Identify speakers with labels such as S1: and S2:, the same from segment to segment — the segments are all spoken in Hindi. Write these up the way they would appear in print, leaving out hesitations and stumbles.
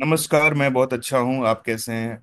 S1: नमस्कार। मैं बहुत अच्छा हूँ। आप कैसे हैं?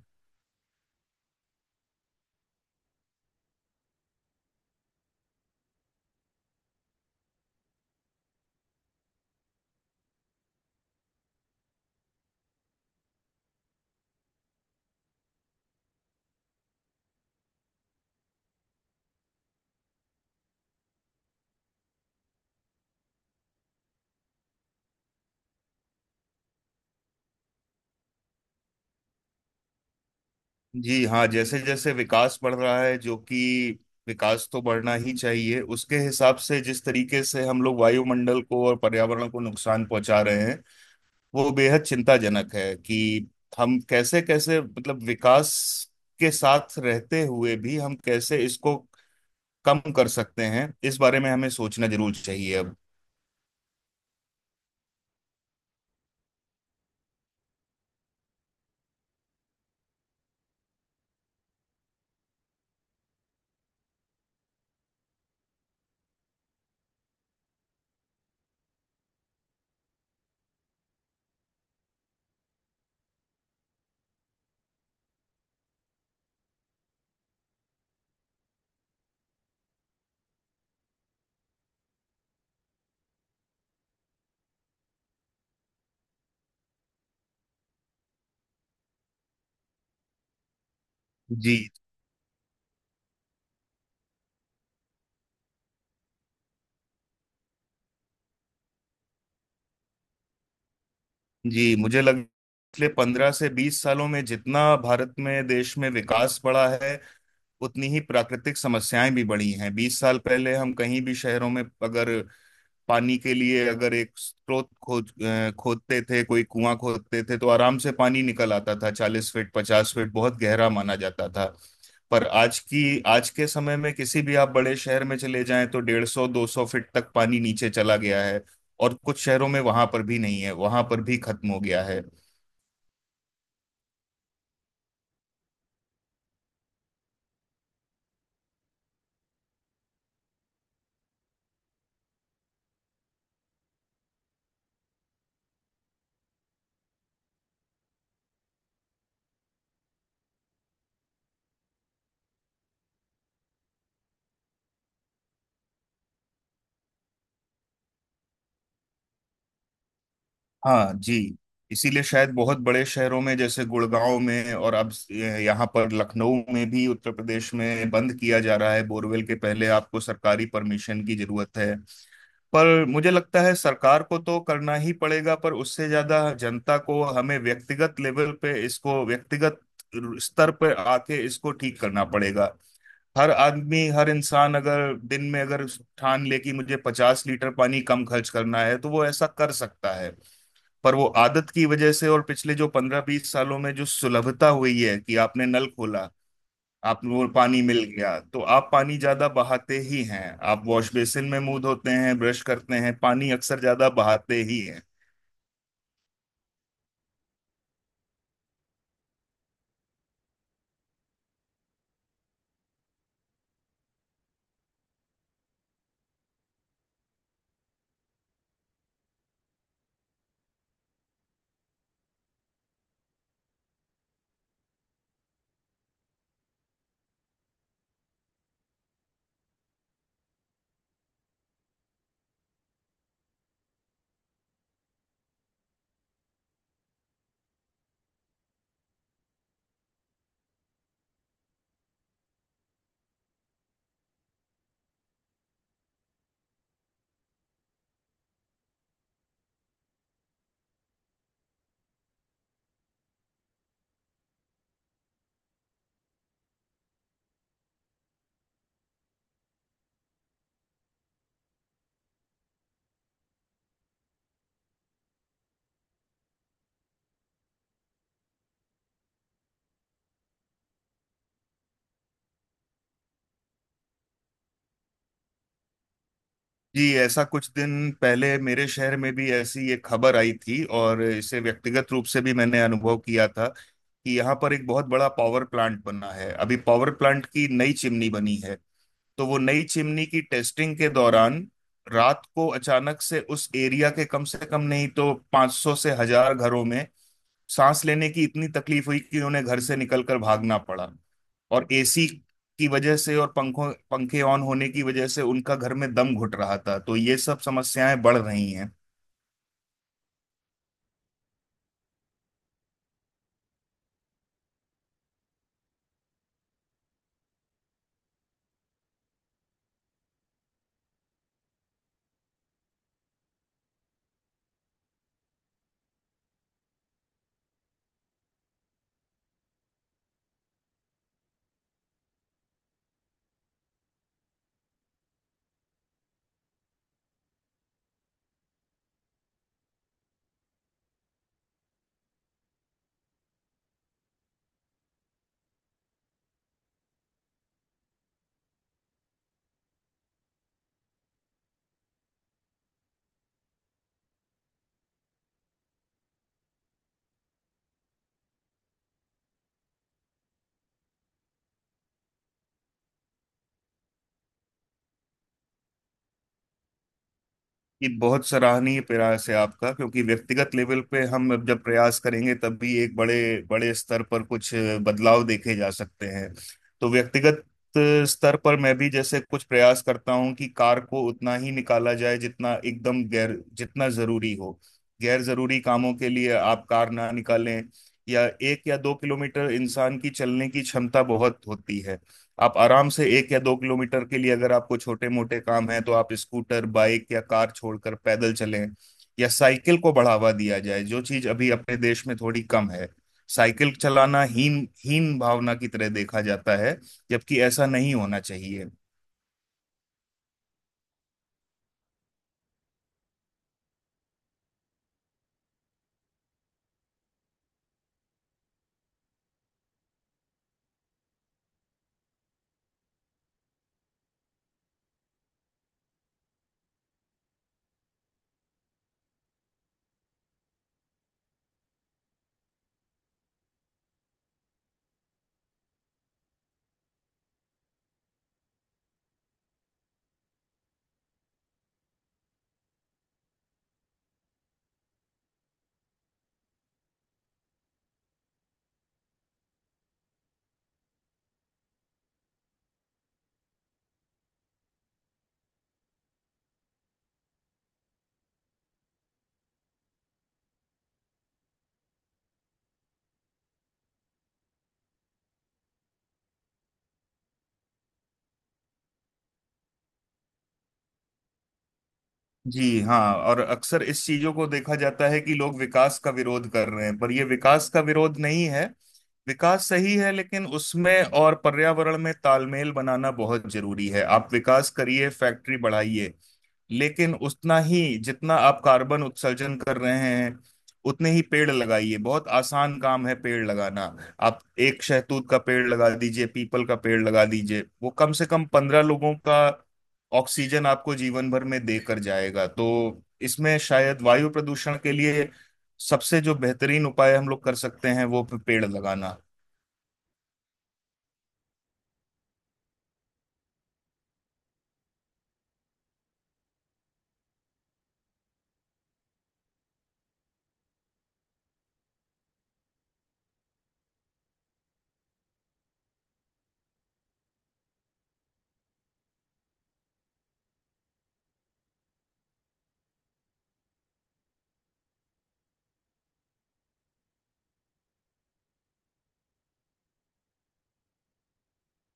S1: जी हाँ, जैसे जैसे विकास बढ़ रहा है, जो कि विकास तो बढ़ना ही चाहिए, उसके हिसाब से जिस तरीके से हम लोग वायुमंडल को और पर्यावरण को नुकसान पहुंचा रहे हैं वो बेहद चिंताजनक है। कि हम कैसे कैसे, मतलब विकास के साथ रहते हुए भी हम कैसे इसको कम कर सकते हैं, इस बारे में हमें सोचना जरूर चाहिए अब। जी। जी, मुझे लग पिछले 15 से 20 सालों में जितना भारत में, देश में विकास बढ़ा है उतनी ही प्राकृतिक समस्याएं भी बढ़ी हैं। 20 साल पहले हम कहीं भी शहरों में अगर पानी के लिए अगर एक स्रोत खोदते थे, कोई कुआं खोदते थे, तो आराम से पानी निकल आता था। 40 फीट 50 फीट बहुत गहरा माना जाता था। पर आज के समय में किसी भी आप बड़े शहर में चले जाएं तो 150 200 फीट तक पानी नीचे चला गया है। और कुछ शहरों में वहां पर भी नहीं है, वहां पर भी खत्म हो गया है। हाँ जी। इसीलिए शायद बहुत बड़े शहरों में जैसे गुड़गांव में और अब यहाँ पर लखनऊ में भी, उत्तर प्रदेश में बंद किया जा रहा है, बोरवेल के पहले आपको सरकारी परमिशन की जरूरत है। पर मुझे लगता है सरकार को तो करना ही पड़ेगा, पर उससे ज्यादा जनता को, हमें व्यक्तिगत लेवल पे इसको, व्यक्तिगत स्तर पर आके इसको ठीक करना पड़ेगा। हर आदमी, हर इंसान अगर दिन में अगर ठान ले कि मुझे 50 लीटर पानी कम खर्च करना है तो वो ऐसा कर सकता है। पर वो आदत की वजह से, और पिछले जो 15 20 सालों में जो सुलभता हुई है कि आपने नल खोला, आप वो पानी मिल गया, तो आप पानी ज्यादा बहाते ही हैं। आप वॉश बेसिन में मुंह धोते हैं, ब्रश करते हैं, पानी अक्सर ज्यादा बहाते ही हैं। जी। ऐसा कुछ दिन पहले मेरे शहर में भी ऐसी एक खबर आई थी और इसे व्यक्तिगत रूप से भी मैंने अनुभव किया था, कि यहाँ पर एक बहुत बड़ा पावर प्लांट बना है। अभी पावर प्लांट की नई चिमनी बनी है। तो वो नई चिमनी की टेस्टिंग के दौरान रात को अचानक से उस एरिया के कम से कम नहीं तो 500 से हजार घरों में सांस लेने की इतनी तकलीफ हुई कि उन्हें घर से निकलकर भागना पड़ा। और एसी की वजह से और पंखों पंखे ऑन होने की वजह से उनका घर में दम घुट रहा था। तो ये सब समस्याएं बढ़ रही हैं। ये बहुत सराहनीय प्रयास है आपका, क्योंकि व्यक्तिगत लेवल पे हम अब जब प्रयास करेंगे तब भी एक बड़े बड़े स्तर पर कुछ बदलाव देखे जा सकते हैं। तो व्यक्तिगत स्तर पर मैं भी जैसे कुछ प्रयास करता हूँ कि कार को उतना ही निकाला जाए जितना एकदम गैर, जितना जरूरी हो। गैर जरूरी कामों के लिए आप कार ना निकालें। या 1 या 2 किलोमीटर इंसान की चलने की क्षमता बहुत होती है। आप आराम से 1 या 2 किलोमीटर के लिए, अगर आपको छोटे मोटे काम है तो आप स्कूटर, बाइक या कार छोड़कर पैदल चलें। या साइकिल को बढ़ावा दिया जाए, जो चीज अभी अपने देश में थोड़ी कम है। साइकिल चलाना हीन हीन भावना की तरह देखा जाता है। जबकि ऐसा नहीं होना चाहिए। जी हाँ, और अक्सर इस चीजों को देखा जाता है कि लोग विकास का विरोध कर रहे हैं, पर ये विकास का विरोध नहीं है। विकास सही है, लेकिन उसमें और पर्यावरण में तालमेल बनाना बहुत जरूरी है। आप विकास करिए, फैक्ट्री बढ़ाइए, लेकिन उतना ही जितना आप कार्बन उत्सर्जन कर रहे हैं उतने ही पेड़ लगाइए। बहुत आसान काम है पेड़ लगाना। आप एक शहतूत का पेड़ लगा दीजिए, पीपल का पेड़ लगा दीजिए, वो कम से कम 15 लोगों का ऑक्सीजन आपको जीवन भर में देकर जाएगा। तो इसमें शायद वायु प्रदूषण के लिए सबसे जो बेहतरीन उपाय हम लोग कर सकते हैं वो पेड़ लगाना।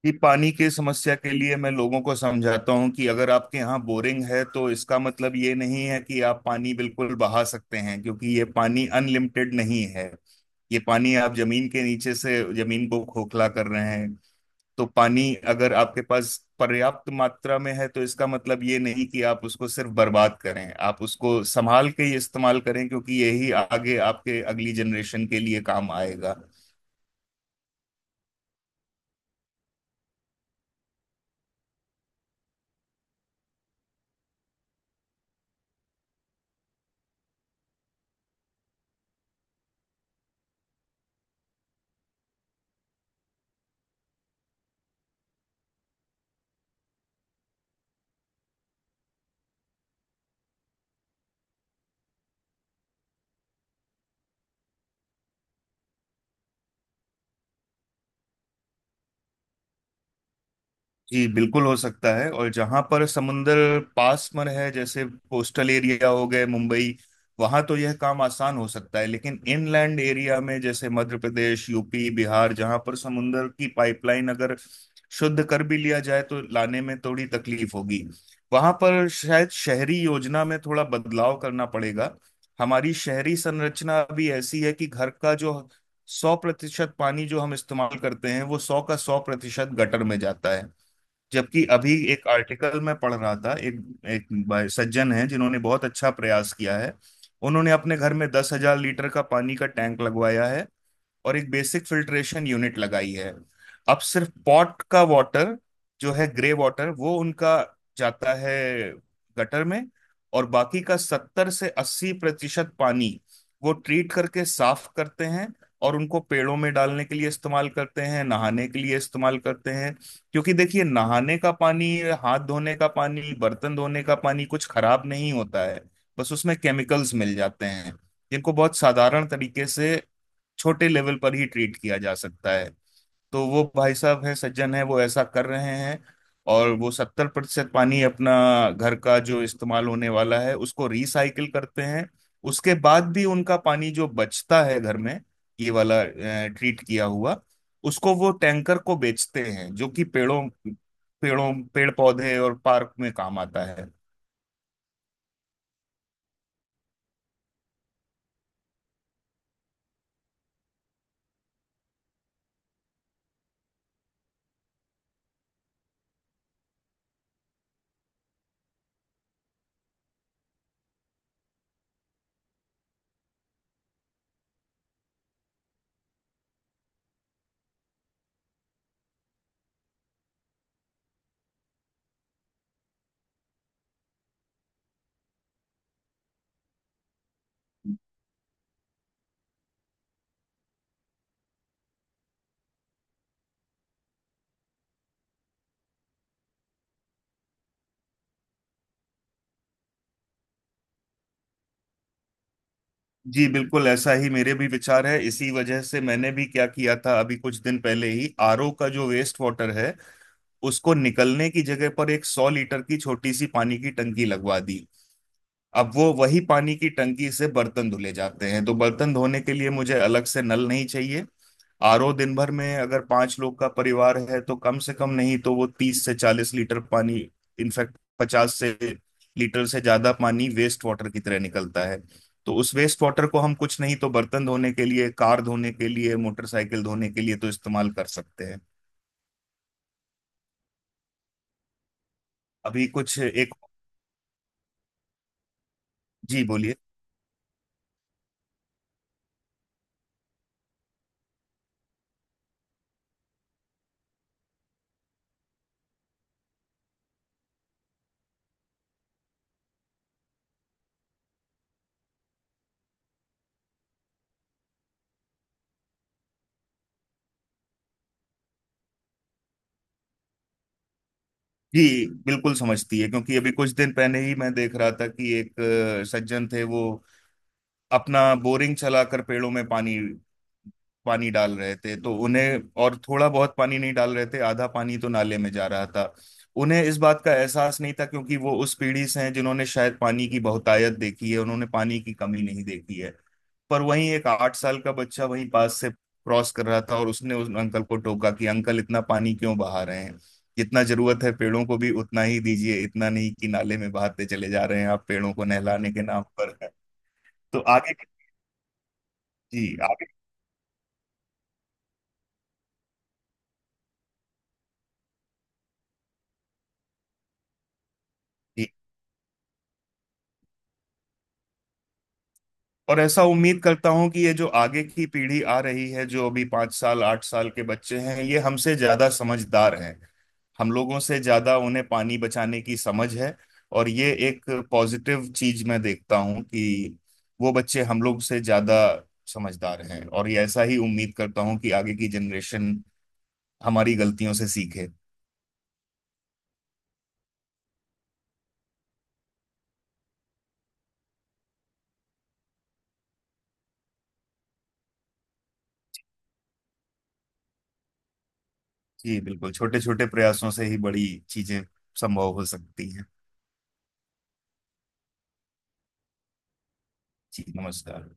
S1: कि पानी की समस्या के लिए मैं लोगों को समझाता हूँ कि अगर आपके यहाँ बोरिंग है तो इसका मतलब ये नहीं है कि आप पानी बिल्कुल बहा सकते हैं, क्योंकि ये पानी अनलिमिटेड नहीं है। ये पानी आप जमीन के नीचे से, जमीन को खोखला कर रहे हैं। तो पानी अगर आपके पास पर्याप्त मात्रा में है तो इसका मतलब ये नहीं कि आप उसको सिर्फ बर्बाद करें। आप उसको संभाल के ही इस्तेमाल करें, क्योंकि यही आगे आपके अगली जनरेशन के लिए काम आएगा। जी बिल्कुल, हो सकता है। और जहां पर समुंदर पास में है, जैसे कोस्टल एरिया हो गए मुंबई, वहां तो यह काम आसान हो सकता है। लेकिन इनलैंड एरिया में, जैसे मध्य प्रदेश, यूपी, बिहार, जहां पर समुंदर की पाइपलाइन अगर शुद्ध कर भी लिया जाए तो लाने में थोड़ी तकलीफ होगी। वहां पर शायद शहरी योजना में थोड़ा बदलाव करना पड़ेगा। हमारी शहरी संरचना अभी ऐसी है कि घर का जो 100 प्रतिशत पानी जो हम इस्तेमाल करते हैं वो सौ का सौ प्रतिशत गटर में जाता है। जबकि अभी एक आर्टिकल मैं पढ़ रहा था, एक एक सज्जन है जिन्होंने बहुत अच्छा प्रयास किया है। उन्होंने अपने घर में 10,000 लीटर का पानी का टैंक लगवाया है और एक बेसिक फिल्ट्रेशन यूनिट लगाई है। अब सिर्फ पॉट का वाटर जो है, ग्रे वाटर, वो उनका जाता है गटर में। और बाकी का 70 से 80 प्रतिशत पानी वो ट्रीट करके साफ करते हैं, और उनको पेड़ों में डालने के लिए इस्तेमाल करते हैं, नहाने के लिए इस्तेमाल करते हैं। क्योंकि देखिए, नहाने का पानी, हाथ धोने का पानी, बर्तन धोने का पानी कुछ खराब नहीं होता है। बस उसमें केमिकल्स मिल जाते हैं, जिनको बहुत साधारण तरीके से छोटे लेवल पर ही ट्रीट किया जा सकता है। तो वो भाई साहब हैं, सज्जन हैं, वो ऐसा कर रहे हैं। और वो 70 प्रतिशत पानी अपना घर का जो इस्तेमाल होने वाला है उसको रिसाइकिल करते हैं। उसके बाद भी उनका पानी जो बचता है घर में, ये वाला ट्रीट किया हुआ, उसको वो टैंकर को बेचते हैं, जो कि पेड़ों पेड़ों पेड़ पौधे और पार्क में काम आता है। जी बिल्कुल, ऐसा ही मेरे भी विचार है। इसी वजह से मैंने भी क्या किया था, अभी कुछ दिन पहले ही, आरओ का जो वेस्ट वाटर है उसको निकलने की जगह पर 100 लीटर की छोटी सी पानी की टंकी लगवा दी। अब वो वही पानी की टंकी से बर्तन धुले जाते हैं, तो बर्तन धोने के लिए मुझे अलग से नल नहीं चाहिए। आरओ दिन भर में, अगर 5 लोग का परिवार है, तो कम से कम नहीं तो वो 30 से 40 लीटर पानी, इनफैक्ट पचास से लीटर से ज्यादा पानी वेस्ट वाटर की तरह निकलता है। तो उस वेस्ट वाटर को हम कुछ नहीं तो बर्तन धोने के लिए, कार धोने के लिए, मोटरसाइकिल धोने के लिए तो इस्तेमाल कर सकते हैं। अभी कुछ एक। जी बोलिए। जी बिल्कुल समझती है, क्योंकि अभी कुछ दिन पहले ही मैं देख रहा था कि एक सज्जन थे, वो अपना बोरिंग चलाकर पेड़ों में पानी पानी डाल रहे थे, तो उन्हें, और थोड़ा बहुत पानी नहीं डाल रहे थे, आधा पानी तो नाले में जा रहा था। उन्हें इस बात का एहसास नहीं था, क्योंकि वो उस पीढ़ी से हैं जिन्होंने शायद पानी की बहुतायत देखी है, उन्होंने पानी की कमी नहीं देखी है। पर वहीं एक 8 साल का बच्चा वहीं पास से क्रॉस कर रहा था और उसने उस अंकल को टोका कि अंकल इतना पानी क्यों बहा रहे हैं? जितना जरूरत है पेड़ों को भी उतना ही दीजिए, इतना नहीं कि नाले में बहाते चले जा रहे हैं आप पेड़ों को नहलाने के नाम पर। तो आगे। जी आगे। और ऐसा उम्मीद करता हूं कि ये जो आगे की पीढ़ी आ रही है, जो अभी 5 साल 8 साल के बच्चे हैं, ये हमसे ज्यादा समझदार हैं। हम लोगों से ज्यादा उन्हें पानी बचाने की समझ है। और ये एक पॉजिटिव चीज मैं देखता हूं, कि वो बच्चे हम लोग से ज्यादा समझदार हैं। और ये ऐसा ही उम्मीद करता हूं कि आगे की जनरेशन हमारी गलतियों से सीखे। जी बिल्कुल, छोटे छोटे प्रयासों से ही बड़ी चीजें संभव हो सकती हैं। जी नमस्कार।